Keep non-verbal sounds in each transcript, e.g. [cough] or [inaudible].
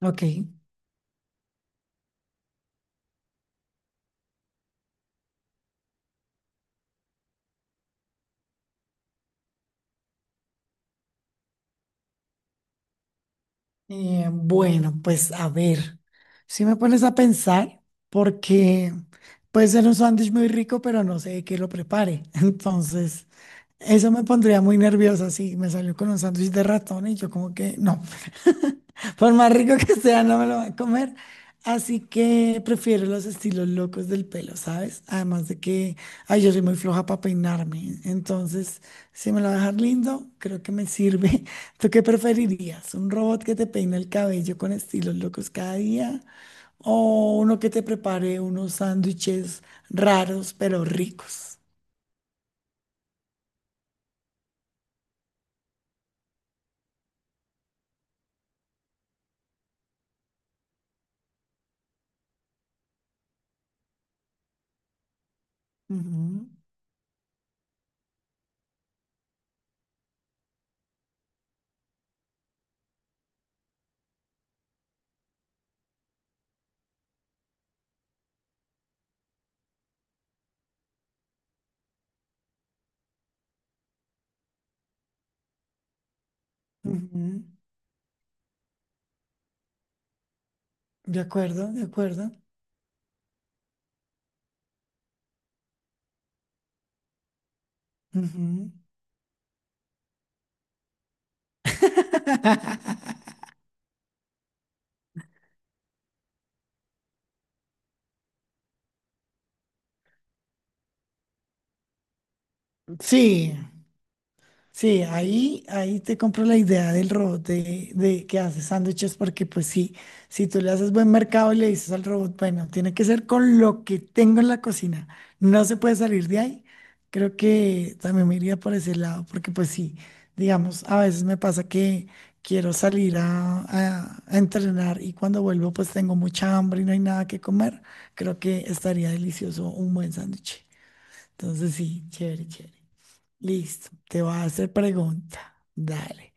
Ok, bueno, pues a ver, si me pones a pensar, porque puede ser un sándwich muy rico, pero no sé de qué lo prepare. [laughs] Entonces, eso me pondría muy nerviosa si me salió con un sándwich de ratón y yo como que no, [laughs] por más rico que sea, no me lo voy a comer. Así que prefiero los estilos locos del pelo, ¿sabes? Además de que, ay, yo soy muy floja para peinarme. Entonces, si me lo va a dejar lindo, creo que me sirve. [laughs] ¿Tú qué preferirías? ¿Un robot que te peine el cabello con estilos locos cada día? ¿O uno que te prepare unos sándwiches raros pero ricos? Ujú, ujú. De acuerdo, de acuerdo. Ujú. [laughs] Sí, sí, ahí te compro la idea del robot de que hace sándwiches, porque pues sí, si tú le haces buen mercado y le dices al robot, bueno, tiene que ser con lo que tengo en la cocina, no se puede salir de ahí, creo que también me iría por ese lado, porque pues sí, digamos, a veces me pasa que quiero salir a, a entrenar y cuando vuelvo pues tengo mucha hambre y no hay nada que comer, creo que estaría delicioso un buen sándwich. Entonces sí, chévere, chévere. Listo, te voy a hacer pregunta. Dale.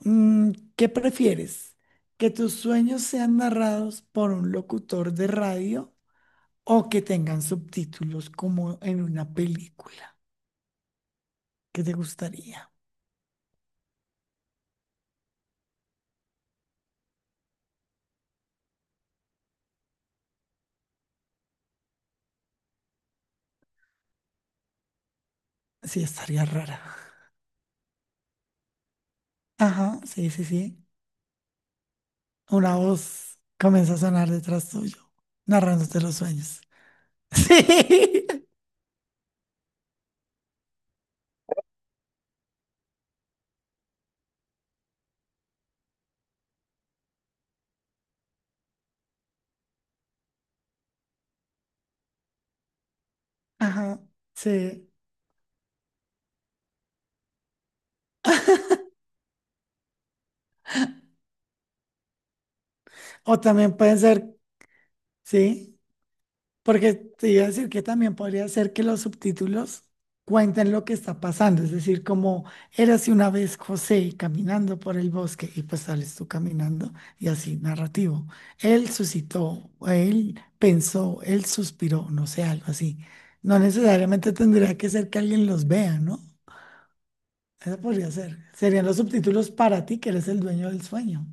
Mm, ¿qué prefieres? ¿Que tus sueños sean narrados por un locutor de radio o que tengan subtítulos como en una película? ¿Qué te gustaría? Sí, estaría rara. Ajá, sí, sí, sí. Una voz comienza a sonar detrás tuyo, narrándote los sueños. [laughs] Sí. Ajá, sí. O también pueden ser, sí. Porque te iba a decir que también podría ser que los subtítulos cuenten lo que está pasando, es decir, como érase una vez José caminando por el bosque y pues sales tú caminando y así narrativo. Él suscitó, él pensó, él suspiró, no sé, algo así. No necesariamente tendría que ser que alguien los vea, ¿no? Eso podría ser. Serían los subtítulos para ti que eres el dueño del sueño.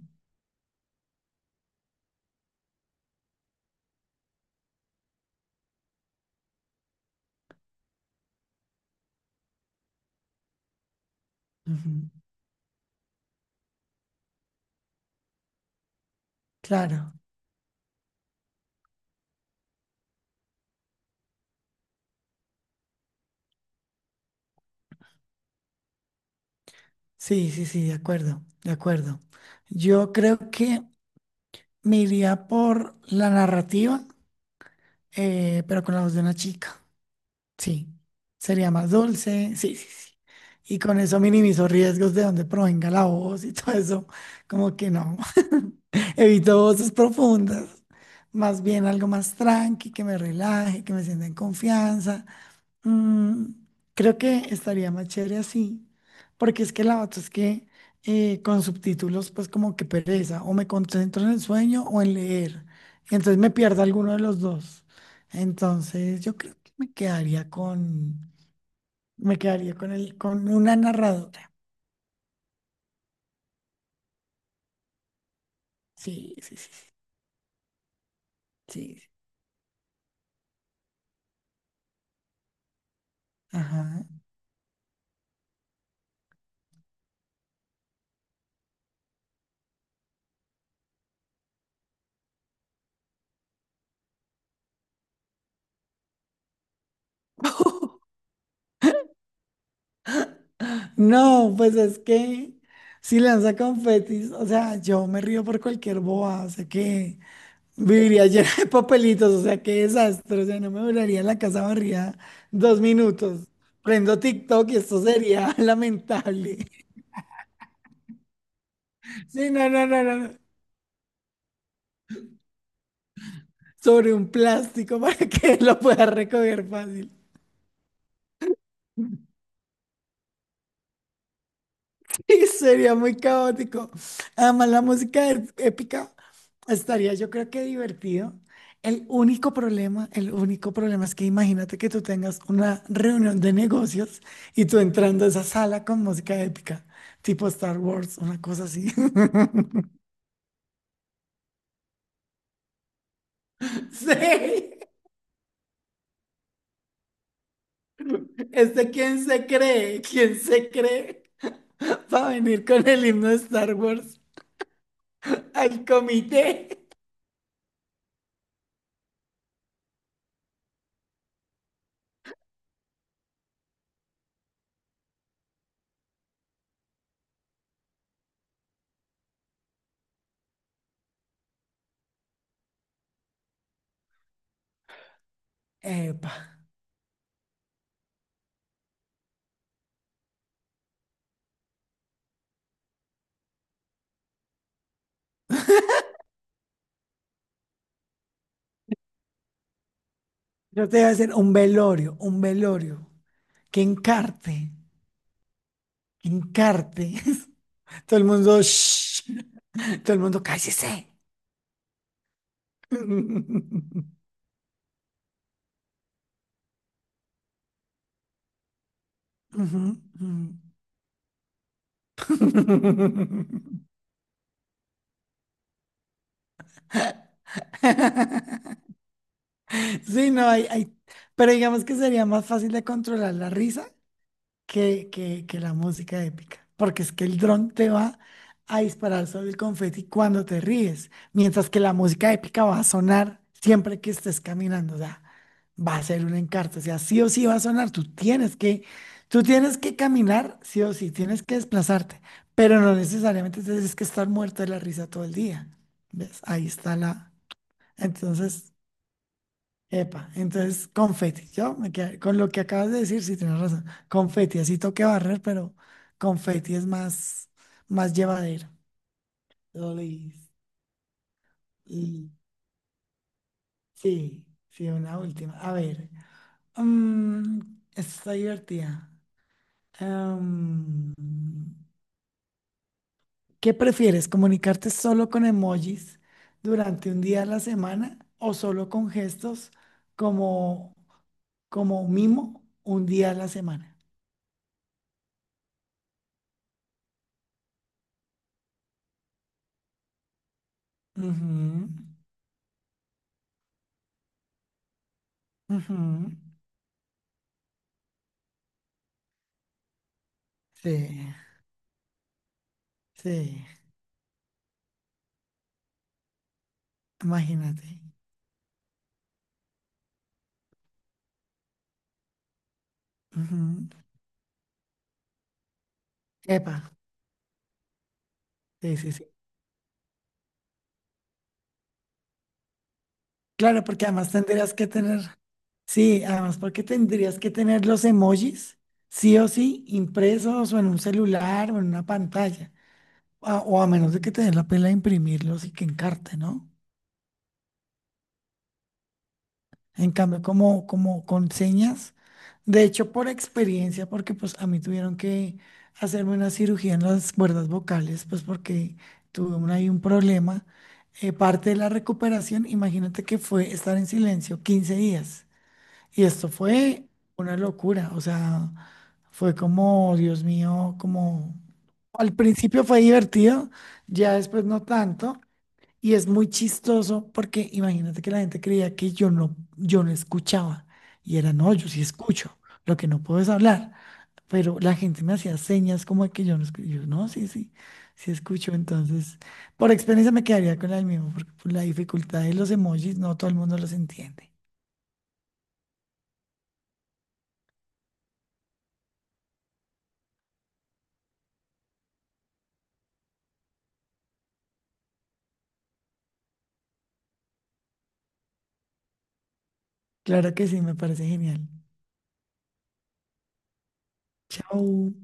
Ujú. Claro, sí, sí, sí, de acuerdo, de acuerdo. Yo creo que me iría por la narrativa, pero con la voz de una chica. Sí, sería más dulce. Sí, sí, sí. Y con eso minimizo riesgos de donde provenga la voz y todo eso. Como que no. [laughs] Evito voces profundas. Más bien algo más tranqui, que me relaje, que me sienta en confianza. Mm, creo que estaría más chévere así, porque es que la otra es que con subtítulos, pues como que pereza, o me concentro en el sueño o en leer, y entonces me pierdo alguno de los dos. Entonces yo creo que me quedaría con el, con una narradora. Sí, sí, sí, sí. Ajá. No, pues es que si lanza confetis, o sea, yo me río por cualquier boba, o sea que. Viviría llena de papelitos, o sea, qué desastre. O sea, no me duraría la casa barrida dos minutos. Prendo TikTok y esto sería [laughs] lamentable. Sí, no, no, no, no, no. Sobre un plástico [laughs] para que lo pueda recoger fácil. [laughs] Y sería muy caótico. Además, la música es épica, estaría, yo creo que divertido. El único problema es que imagínate que tú tengas una reunión de negocios y tú entrando a esa sala con música épica, tipo Star Wars, una cosa así. [laughs] Sí, es de quién se cree para venir con el himno de Star Wars al comité. Epa, yo te voy a hacer un velorio, un velorio. Que encarte, que encarte. [laughs] Todo el mundo, "Shh", todo el mundo, cállese. [laughs] Ujú, ujú. [laughs] Sí, no, hay, pero digamos que sería más fácil de controlar la risa que la música épica, porque es que el dron te va a disparar sobre el confeti cuando te ríes, mientras que la música épica va a sonar siempre que estés caminando, o sea, va a ser un encarto, o sea, sí o sí va a sonar, tú tienes que caminar, sí o sí, tienes que desplazarte, pero no necesariamente tienes que estar muerto de la risa todo el día, ¿ves? Ahí está la... Entonces, epa, entonces confeti, con lo que acabas de decir, sí tienes razón, confeti, así toque barrer, pero confeti es más, más llevadero. ¿Lo le- y- sí, sí, una última. A ver, mm, esta está divertida. Em, ¿Qué prefieres, comunicarte solo con emojis durante un día a la semana o solo con gestos como, como mimo un día a la semana? Ujú. Ujú, sí, sí, imagínate. Ujú, epa, sí, sí, sí. Claro, porque además tendrías que tener, sí, además porque tendrías que tener los emojis, sí o sí, impresos o en un celular o en una pantalla, o a menos de que te den la pela de imprimirlos y que encarte, ¿no? En cambio, como con señas, de hecho por experiencia, porque pues a mí tuvieron que hacerme una cirugía en las cuerdas vocales, pues porque tuve un, ahí un problema. Parte de la recuperación, imagínate que fue estar en silencio 15 días. Y esto fue una locura, o sea, fue como, Dios mío, como... Al principio fue divertido, ya después no tanto, y es muy chistoso porque imagínate que la gente creía que yo no escuchaba. Y era, no, yo sí escucho, lo que no puedo es hablar. Pero la gente me hacía señas como de que yo no escucho. Yo, no, sí, sí, sí escucho. Entonces, por experiencia me quedaría con la del mismo, porque por la dificultad de los emojis no todo el mundo los entiende. Claro que sí, me parece genial. Chao.